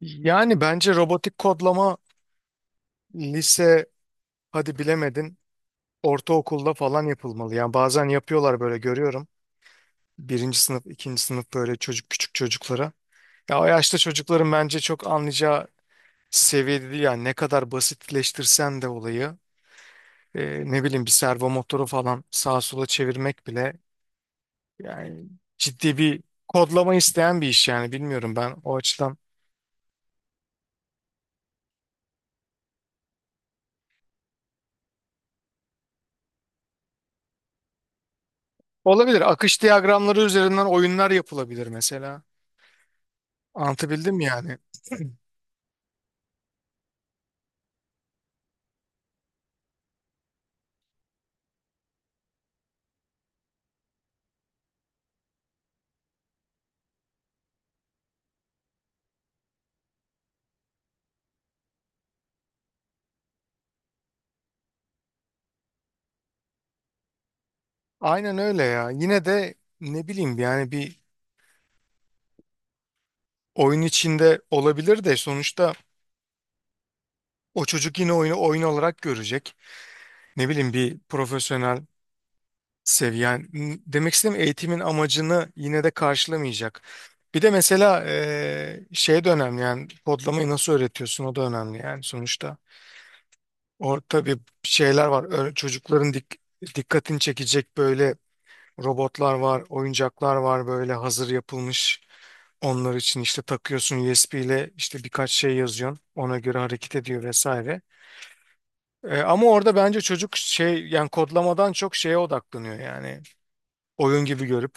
Yani bence robotik kodlama lise hadi bilemedin ortaokulda falan yapılmalı. Yani bazen yapıyorlar böyle görüyorum. Birinci sınıf, ikinci sınıf böyle çocuk küçük çocuklara. Ya o yaşta çocukların bence çok anlayacağı seviyede değil yani ne kadar basitleştirsen de olayı ne bileyim bir servo motoru falan sağa sola çevirmek bile yani ciddi bir kodlama isteyen bir iş yani bilmiyorum ben o açıdan. Olabilir akış diyagramları üzerinden oyunlar yapılabilir mesela. Anlatabildim mi yani? Aynen öyle ya. Yine de ne bileyim yani bir oyun içinde olabilir de sonuçta o çocuk yine oyunu oyun olarak görecek. Ne bileyim bir profesyonel seviye. Yani demek istediğim eğitimin amacını yine de karşılamayacak. Bir de mesela şey de önemli yani kodlamayı nasıl öğretiyorsun o da önemli yani sonuçta. Orada bir şeyler var. Çocukların dikkatini çekecek böyle robotlar var, oyuncaklar var böyle hazır yapılmış. Onlar için işte takıyorsun USB ile işte birkaç şey yazıyorsun. Ona göre hareket ediyor vesaire. Ama orada bence çocuk şey yani kodlamadan çok şeye odaklanıyor yani. Oyun gibi görüp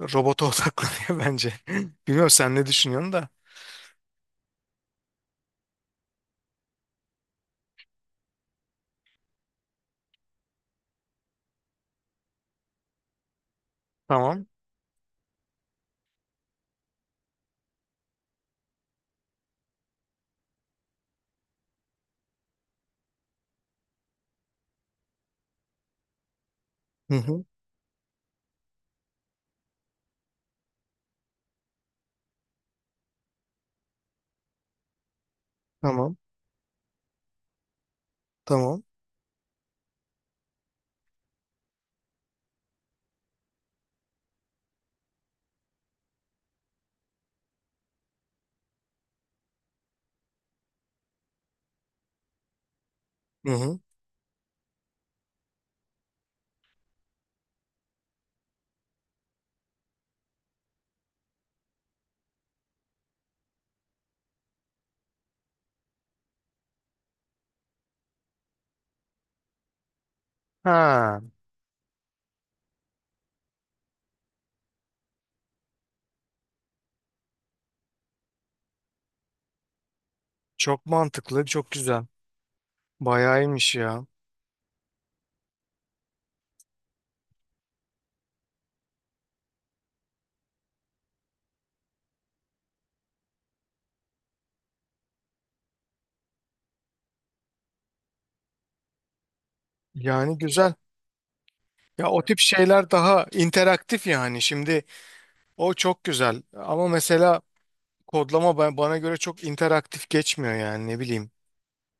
robota odaklanıyor bence. Bilmiyorum sen ne düşünüyorsun da. Tamam. Hı hı. Tamam. Tamam. Hı hı. Ha, çok mantıklı, çok güzel. Bayağı iyiymiş ya. Yani güzel. Ya o tip şeyler daha interaktif yani. Şimdi o çok güzel. Ama mesela kodlama ben, bana göre çok interaktif geçmiyor yani ne bileyim.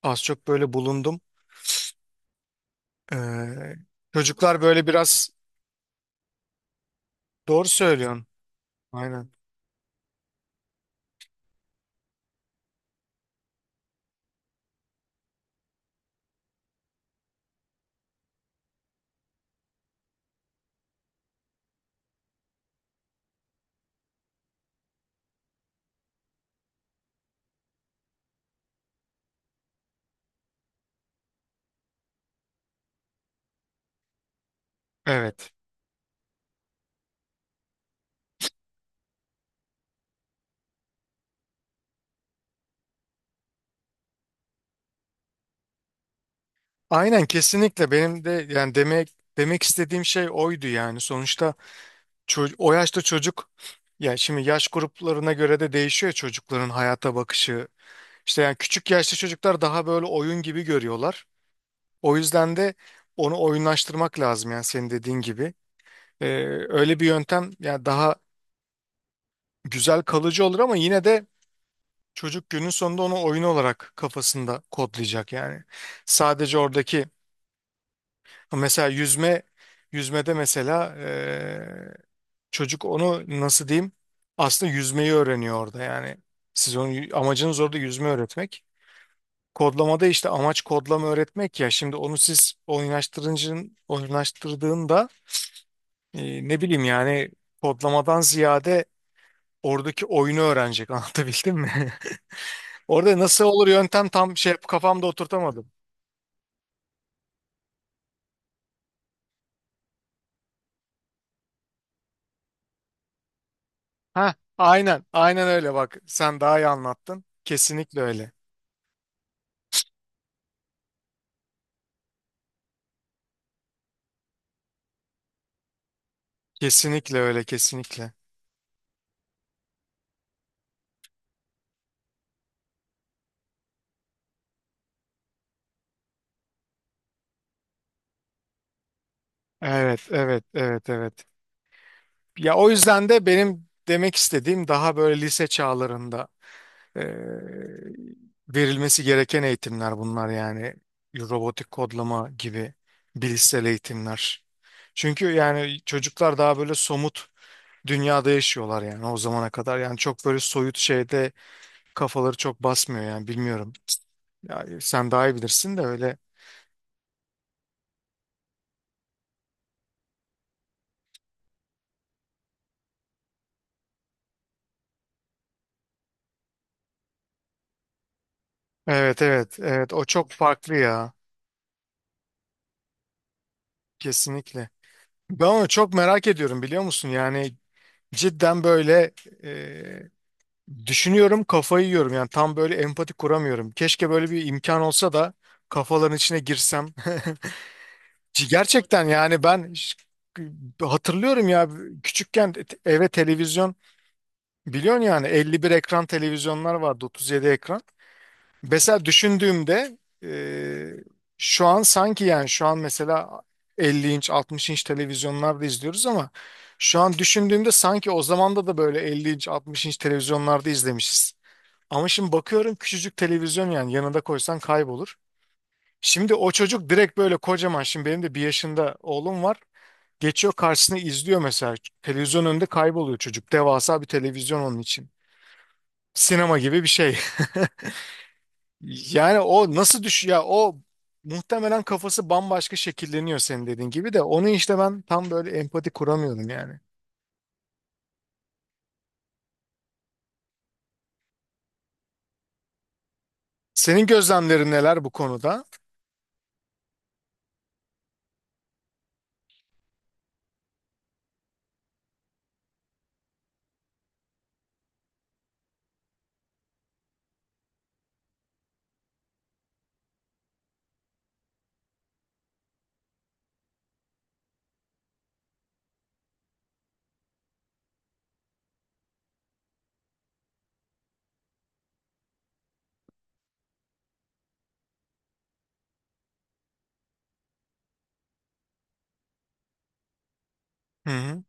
Az çok böyle bulundum. Ee, Çocuklar böyle biraz doğru söylüyorsun. Aynen. Evet. Aynen kesinlikle benim de yani demek istediğim şey oydu yani. Sonuçta o yaşta çocuk ya şimdi yaş gruplarına göre de değişiyor ya çocukların hayata bakışı. İşte yani küçük yaşta çocuklar daha böyle oyun gibi görüyorlar. O yüzden de onu oyunlaştırmak lazım yani senin dediğin gibi. Ee, Öyle bir yöntem yani daha güzel kalıcı olur ama yine de çocuk günün sonunda onu oyun olarak kafasında kodlayacak yani. Sadece oradaki mesela yüzmede mesela çocuk onu nasıl diyeyim aslında yüzmeyi öğreniyor orada yani. Siz onu amacınız orada yüzme öğretmek. Kodlamada işte amaç kodlama öğretmek ya şimdi onu siz oyunlaştırdığında ne bileyim yani kodlamadan ziyade oradaki oyunu öğrenecek anlatabildim mi? Orada nasıl olur yöntem tam şey kafamda oturtamadım. Ha, aynen, aynen öyle bak. Sen daha iyi anlattın. Kesinlikle öyle. Kesinlikle öyle, kesinlikle. Evet, evet, evet, evet. Ya o yüzden de benim demek istediğim daha böyle lise çağlarında e, verilmesi gereken eğitimler bunlar yani robotik kodlama gibi bilişsel eğitimler. Çünkü yani çocuklar daha böyle somut dünyada yaşıyorlar yani o zamana kadar yani çok böyle soyut şeyde kafaları çok basmıyor yani bilmiyorum. Ya, sen daha iyi bilirsin de öyle. Evet evet evet o çok farklı ya kesinlikle. Ben onu çok merak ediyorum biliyor musun? Yani cidden böyle e, düşünüyorum kafayı yiyorum yani tam böyle empati kuramıyorum. Keşke böyle bir imkan olsa da kafaların içine girsem. C gerçekten yani hatırlıyorum ya küçükken eve televizyon biliyorsun yani 51 ekran televizyonlar vardı 37 ekran. Mesela düşündüğümde e, şu an sanki yani şu an mesela 50 inç 60 inç televizyonlarda izliyoruz ama şu an düşündüğümde sanki o zamanda da böyle 50 inç 60 inç televizyonlarda izlemişiz. Ama şimdi bakıyorum küçücük televizyon yani yanında koysan kaybolur. Şimdi o çocuk direkt böyle kocaman şimdi benim de bir yaşında oğlum var. Geçiyor karşısına izliyor mesela. Televizyon önünde kayboluyor çocuk. Devasa bir televizyon onun için. Sinema gibi bir şey. Yani o nasıl düş ya o muhtemelen kafası bambaşka şekilleniyor senin dediğin gibi de onu işte ben tam böyle empati kuramıyorum yani. Senin gözlemlerin neler bu konuda? Hı hı.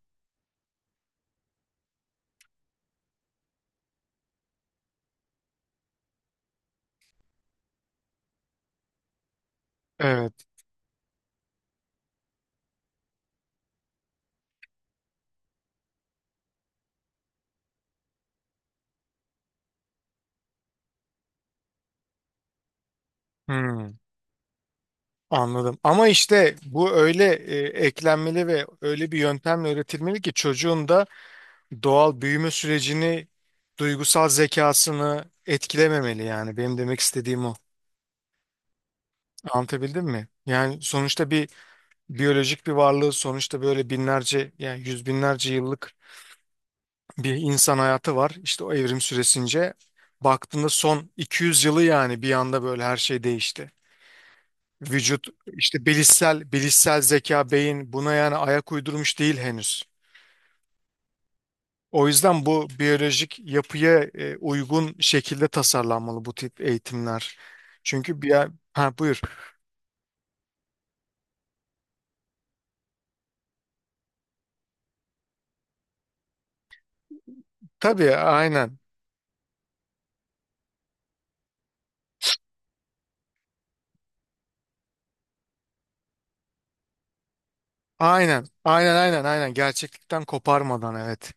Evet. Hı. Anladım. Ama işte bu öyle eklenmeli ve öyle bir yöntemle öğretilmeli ki çocuğun da doğal büyüme sürecini, duygusal zekasını etkilememeli yani. Benim demek istediğim o. Anlatabildim mi? Yani sonuçta bir biyolojik bir varlığı sonuçta böyle binlerce yani yüz binlerce yıllık bir insan hayatı var. İşte o evrim süresince baktığında son 200 yılı yani bir anda böyle her şey değişti. Vücut işte bilişsel zeka beyin buna yani ayak uydurmuş değil henüz. O yüzden bu biyolojik yapıya uygun şekilde tasarlanmalı bu tip eğitimler. Çünkü bir ha buyur. Tabii aynen. Aynen. Aynen aynen aynen gerçeklikten koparmadan evet.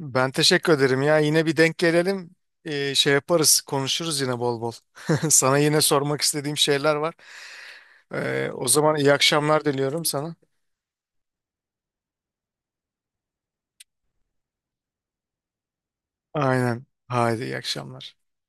Ben teşekkür ederim ya. Yine bir denk gelelim. Şey yaparız, konuşuruz yine bol bol. Sana yine sormak istediğim şeyler var. O zaman iyi akşamlar diliyorum sana. Aynen. Haydi iyi akşamlar.